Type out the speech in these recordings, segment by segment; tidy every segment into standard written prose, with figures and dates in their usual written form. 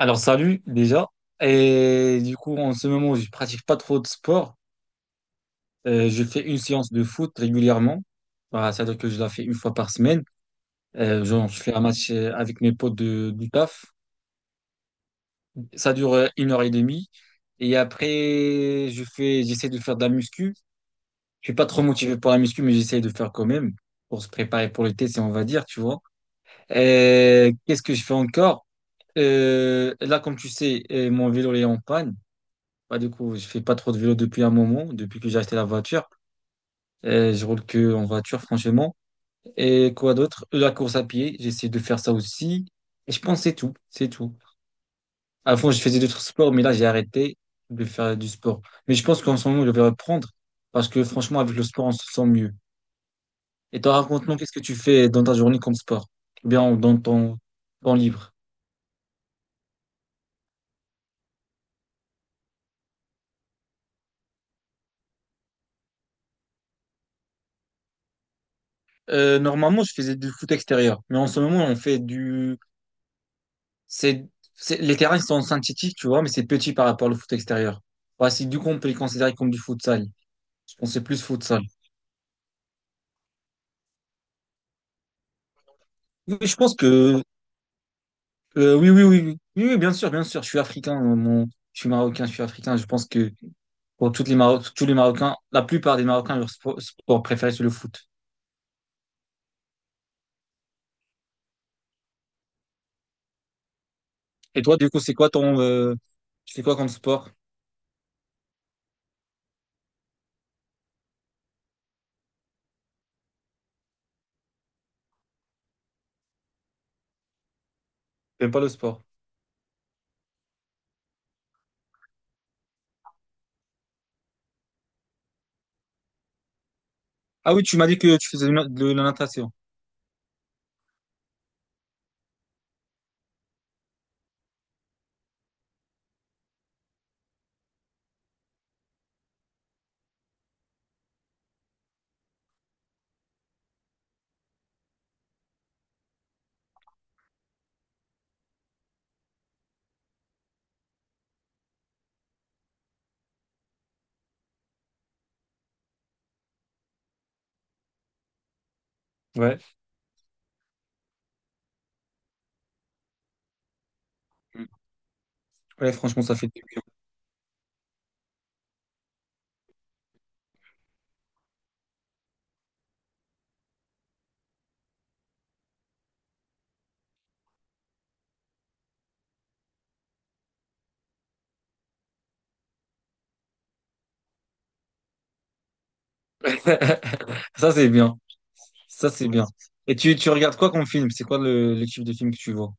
Alors salut déjà. Et du coup, en ce moment, je pratique pas trop de sport. Je fais une séance de foot régulièrement. Bah, c'est-à-dire que je la fais une fois par semaine. Genre, je fais un match avec mes potes du taf. Ça dure une heure et demie. Et après, j'essaie de faire de la muscu. Je suis pas trop motivé pour la muscu, mais j'essaie de faire quand même pour se préparer pour l'été, si on va dire, tu vois. Et qu'est-ce que je fais encore? Là, comme tu sais, mon vélo il est en panne. Bah, du coup, je fais pas trop de vélo depuis un moment, depuis que j'ai acheté la voiture. Je roule que en voiture, franchement. Et quoi d'autre? La course à pied, j'essaie de faire ça aussi. Et je pense que c'est tout, c'est tout. Avant, je faisais d'autres sports, mais là, j'ai arrêté de faire du sport. Mais je pense qu'en ce moment, je vais reprendre parce que franchement, avec le sport, on se sent mieux. Et toi, raconte-nous, qu'est-ce que tu fais dans ta journée comme sport? Ou bien, dans ton temps libre. Normalement, je faisais du foot extérieur, mais en ce moment, on fait C'est, les terrains ils sont synthétiques, tu vois, mais c'est petit par rapport au foot extérieur. Ouais, c'est du coup, on peut les considérer comme du futsal. Je pense que c'est plus futsal. Oui, je pense que, oui, oui, oui, oui, oui, oui, bien sûr, bien sûr. Je suis africain, je suis marocain, je suis africain. Je pense que pour tous les Marocains, la plupart des Marocains, sport préféré, c'est le foot. Et toi, du coup, tu fais quoi comme sport? T'aimes pas le sport? Ah oui, tu m'as dit que tu faisais de la natation. Ouais. Ouais, franchement, ça fait du bien. Ça, c'est bien. Ça, c'est bien. Et tu regardes quoi comme film? C'est quoi le type de film que tu vois?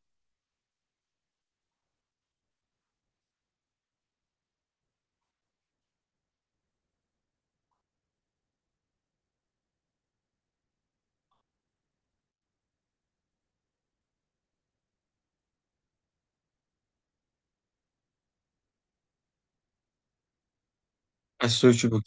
Ah, sur YouTube, ok.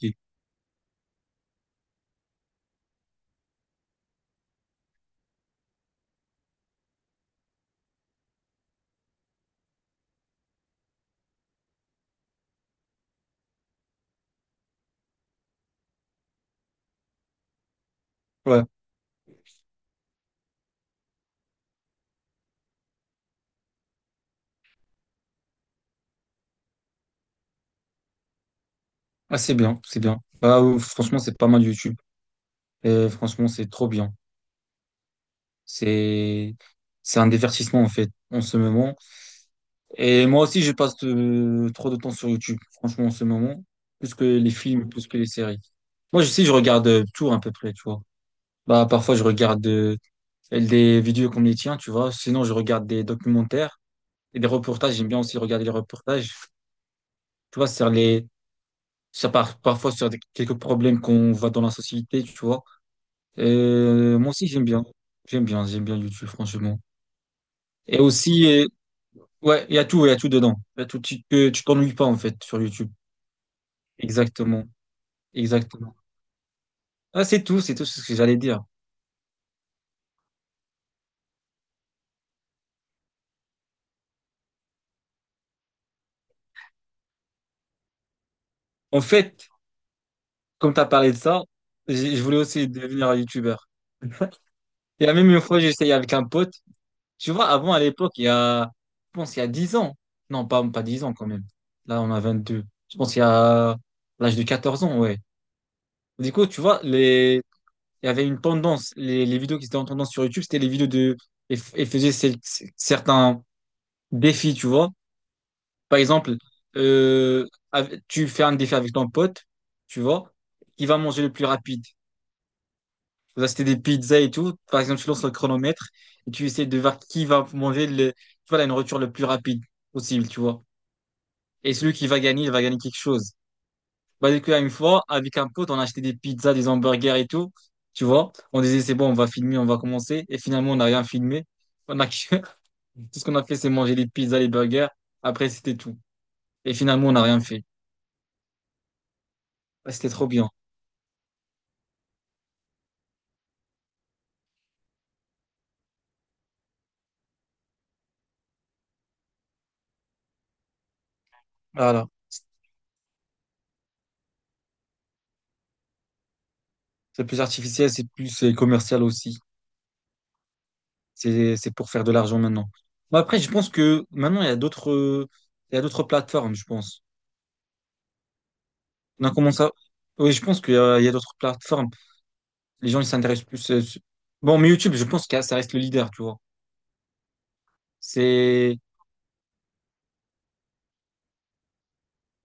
Ouais. Ah, c'est bien, c'est bien. Bah, franchement, c'est pas mal YouTube. Et franchement, c'est trop bien. C'est, c'est un divertissement, en fait, en ce moment. Et moi aussi, je passe trop de temps sur YouTube, franchement, en ce moment. Plus que les films, plus que les séries. Moi, je sais, je regarde tout à peu près, tu vois. Bah, parfois, je regarde des vidéos comme les tiens, tu vois. Sinon, je regarde des documentaires et des reportages. J'aime bien aussi regarder les reportages. Tu vois, ça parfois sur quelques problèmes qu'on voit dans la société, tu vois. Moi aussi, j'aime bien. J'aime bien, j'aime bien YouTube, franchement. Et aussi, ouais, il y a tout, il y a tout dedans. Il y a tout, tu t'ennuies pas, en fait, sur YouTube. Exactement, exactement. Ah, c'est tout ce que j'allais dire. En fait, comme tu as parlé de ça, je voulais aussi devenir un YouTuber. Il y a même une fois, j'ai essayé avec un pote. Tu vois, avant, à l'époque, il y a, je pense, il y a 10 ans. Non, pas, pas 10 ans quand même. Là, on a 22. Je pense, il y a l'âge de 14 ans, ouais. Du coup, tu vois, il y avait une tendance. Les vidéos qui étaient en tendance sur YouTube, c'était les vidéos et faisaient certains défis, tu vois. Par exemple, euh, tu fais un défi avec ton pote, tu vois, qui va manger le plus rapide. Vous achetez des pizzas et tout. Par exemple, tu lances le chronomètre et tu essaies de voir qui va manger tu vois, la nourriture le plus rapide possible, tu vois. Et celui qui va gagner, il va gagner quelque chose. Bah, du coup, là, une fois, avec un pote, on a acheté des pizzas, des hamburgers et tout. Tu vois, on disait, c'est bon, on va filmer, on va commencer. Et finalement, on n'a rien filmé. On a Tout ce qu'on a fait, c'est manger les pizzas, les burgers. Après, c'était tout. Et finalement, on n'a rien fait. Bah, c'était trop bien. Voilà. C'est plus artificiel, c'est plus commercial aussi. C'est pour faire de l'argent maintenant. Mais après, je pense que maintenant, il y a d'autres plateformes, je pense. On a commencé à. Oui, je pense qu'il y a d'autres plateformes. Les gens, ils s'intéressent plus. Bon, mais YouTube, je pense que ça reste le leader, tu vois. C'est,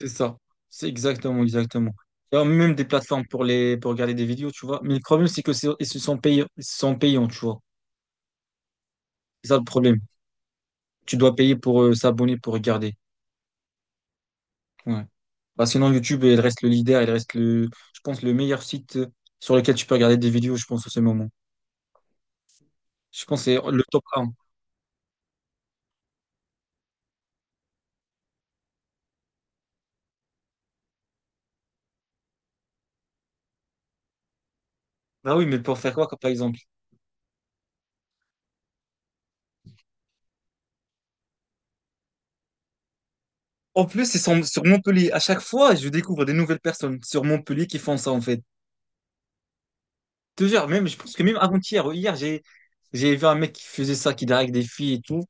c'est ça. C'est exactement, exactement. Il y a même des plateformes pour regarder des vidéos, tu vois. Mais le problème, c'est que ils se sont payants, tu vois. C'est ça le problème. Tu dois payer pour s'abonner, pour regarder. Ouais. Bah, sinon, YouTube, il reste le leader, il reste le, je pense, le meilleur site sur lequel tu peux regarder des vidéos, je pense, en ce moment. Je pense que c'est le top un. Bah oui, mais pour faire quoi, comme par exemple? En plus, c'est sur Montpellier. À chaque fois, je découvre des nouvelles personnes sur Montpellier qui font ça, en fait. Toujours, même, je pense que même avant-hier, ou hier, j'ai vu un mec qui faisait ça, qui drague des filles et tout.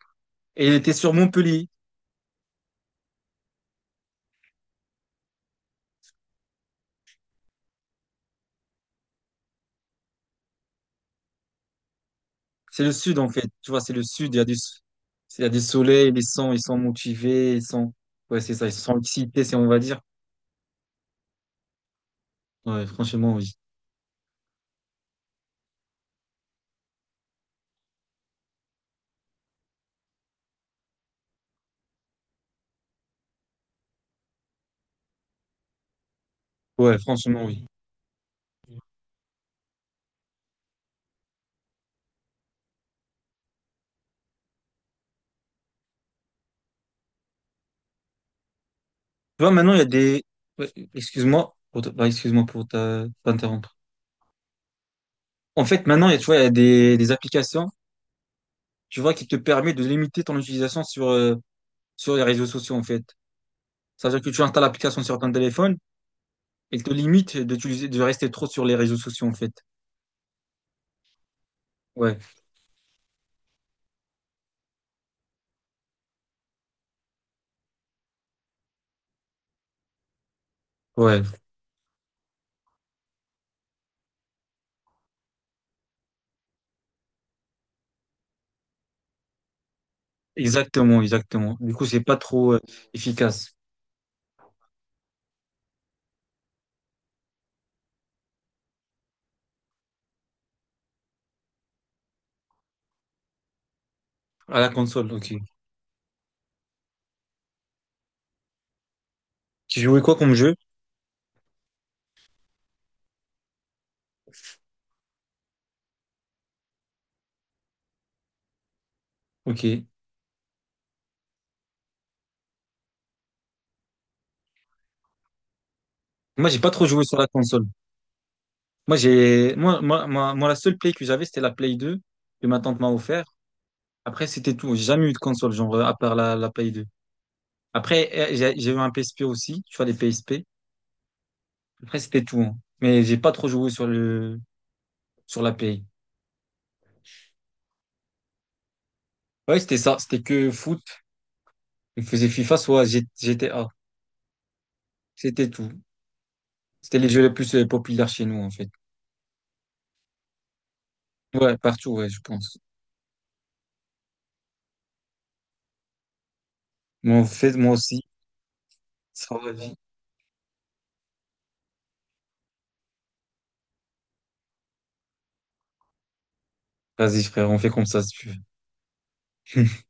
Et il était sur Montpellier. C'est le sud, en fait. Tu vois, c'est le sud, il y a du soleil, les sons, ils sont motivés, ils sont, ouais, c'est ça, ils sont excités, on va dire. Ouais, franchement, oui. Ouais, franchement, oui. Tu vois, maintenant, il y a des. Ouais, excuse-moi bah, excuse-moi t'interrompre. En fait, maintenant, tu vois, il y a des applications, tu vois, qui te permettent de limiter ton utilisation sur les réseaux sociaux, en fait. C'est-à-dire que tu installes l'application sur ton téléphone et elle te limite d'utiliser, de rester trop sur les réseaux sociaux, en fait. Ouais, ouais, exactement, exactement. Du coup, c'est pas trop, efficace. À la console, ok. Tu jouais quoi comme jeu? Ok. Moi, j'ai pas trop joué sur la console. Moi, j'ai, moi, moi, moi, moi, La seule Play que j'avais, c'était la Play 2 que ma tante m'a offert. Après, c'était tout. J'ai jamais eu de console, genre, à part la Play 2. Après, j'ai eu un PSP aussi, tu vois, les PSP. Après, c'était tout, hein. Mais j'ai pas trop joué sur la Play. Ouais, c'était ça. C'était que foot. Je faisais FIFA, soit GTA. C'était tout. C'était les jeux les plus populaires chez nous, en fait. Ouais, partout, ouais, je pense. Moi en fait, moi aussi, ça va vie. Vas-y, frère, on fait comme ça si tu veux.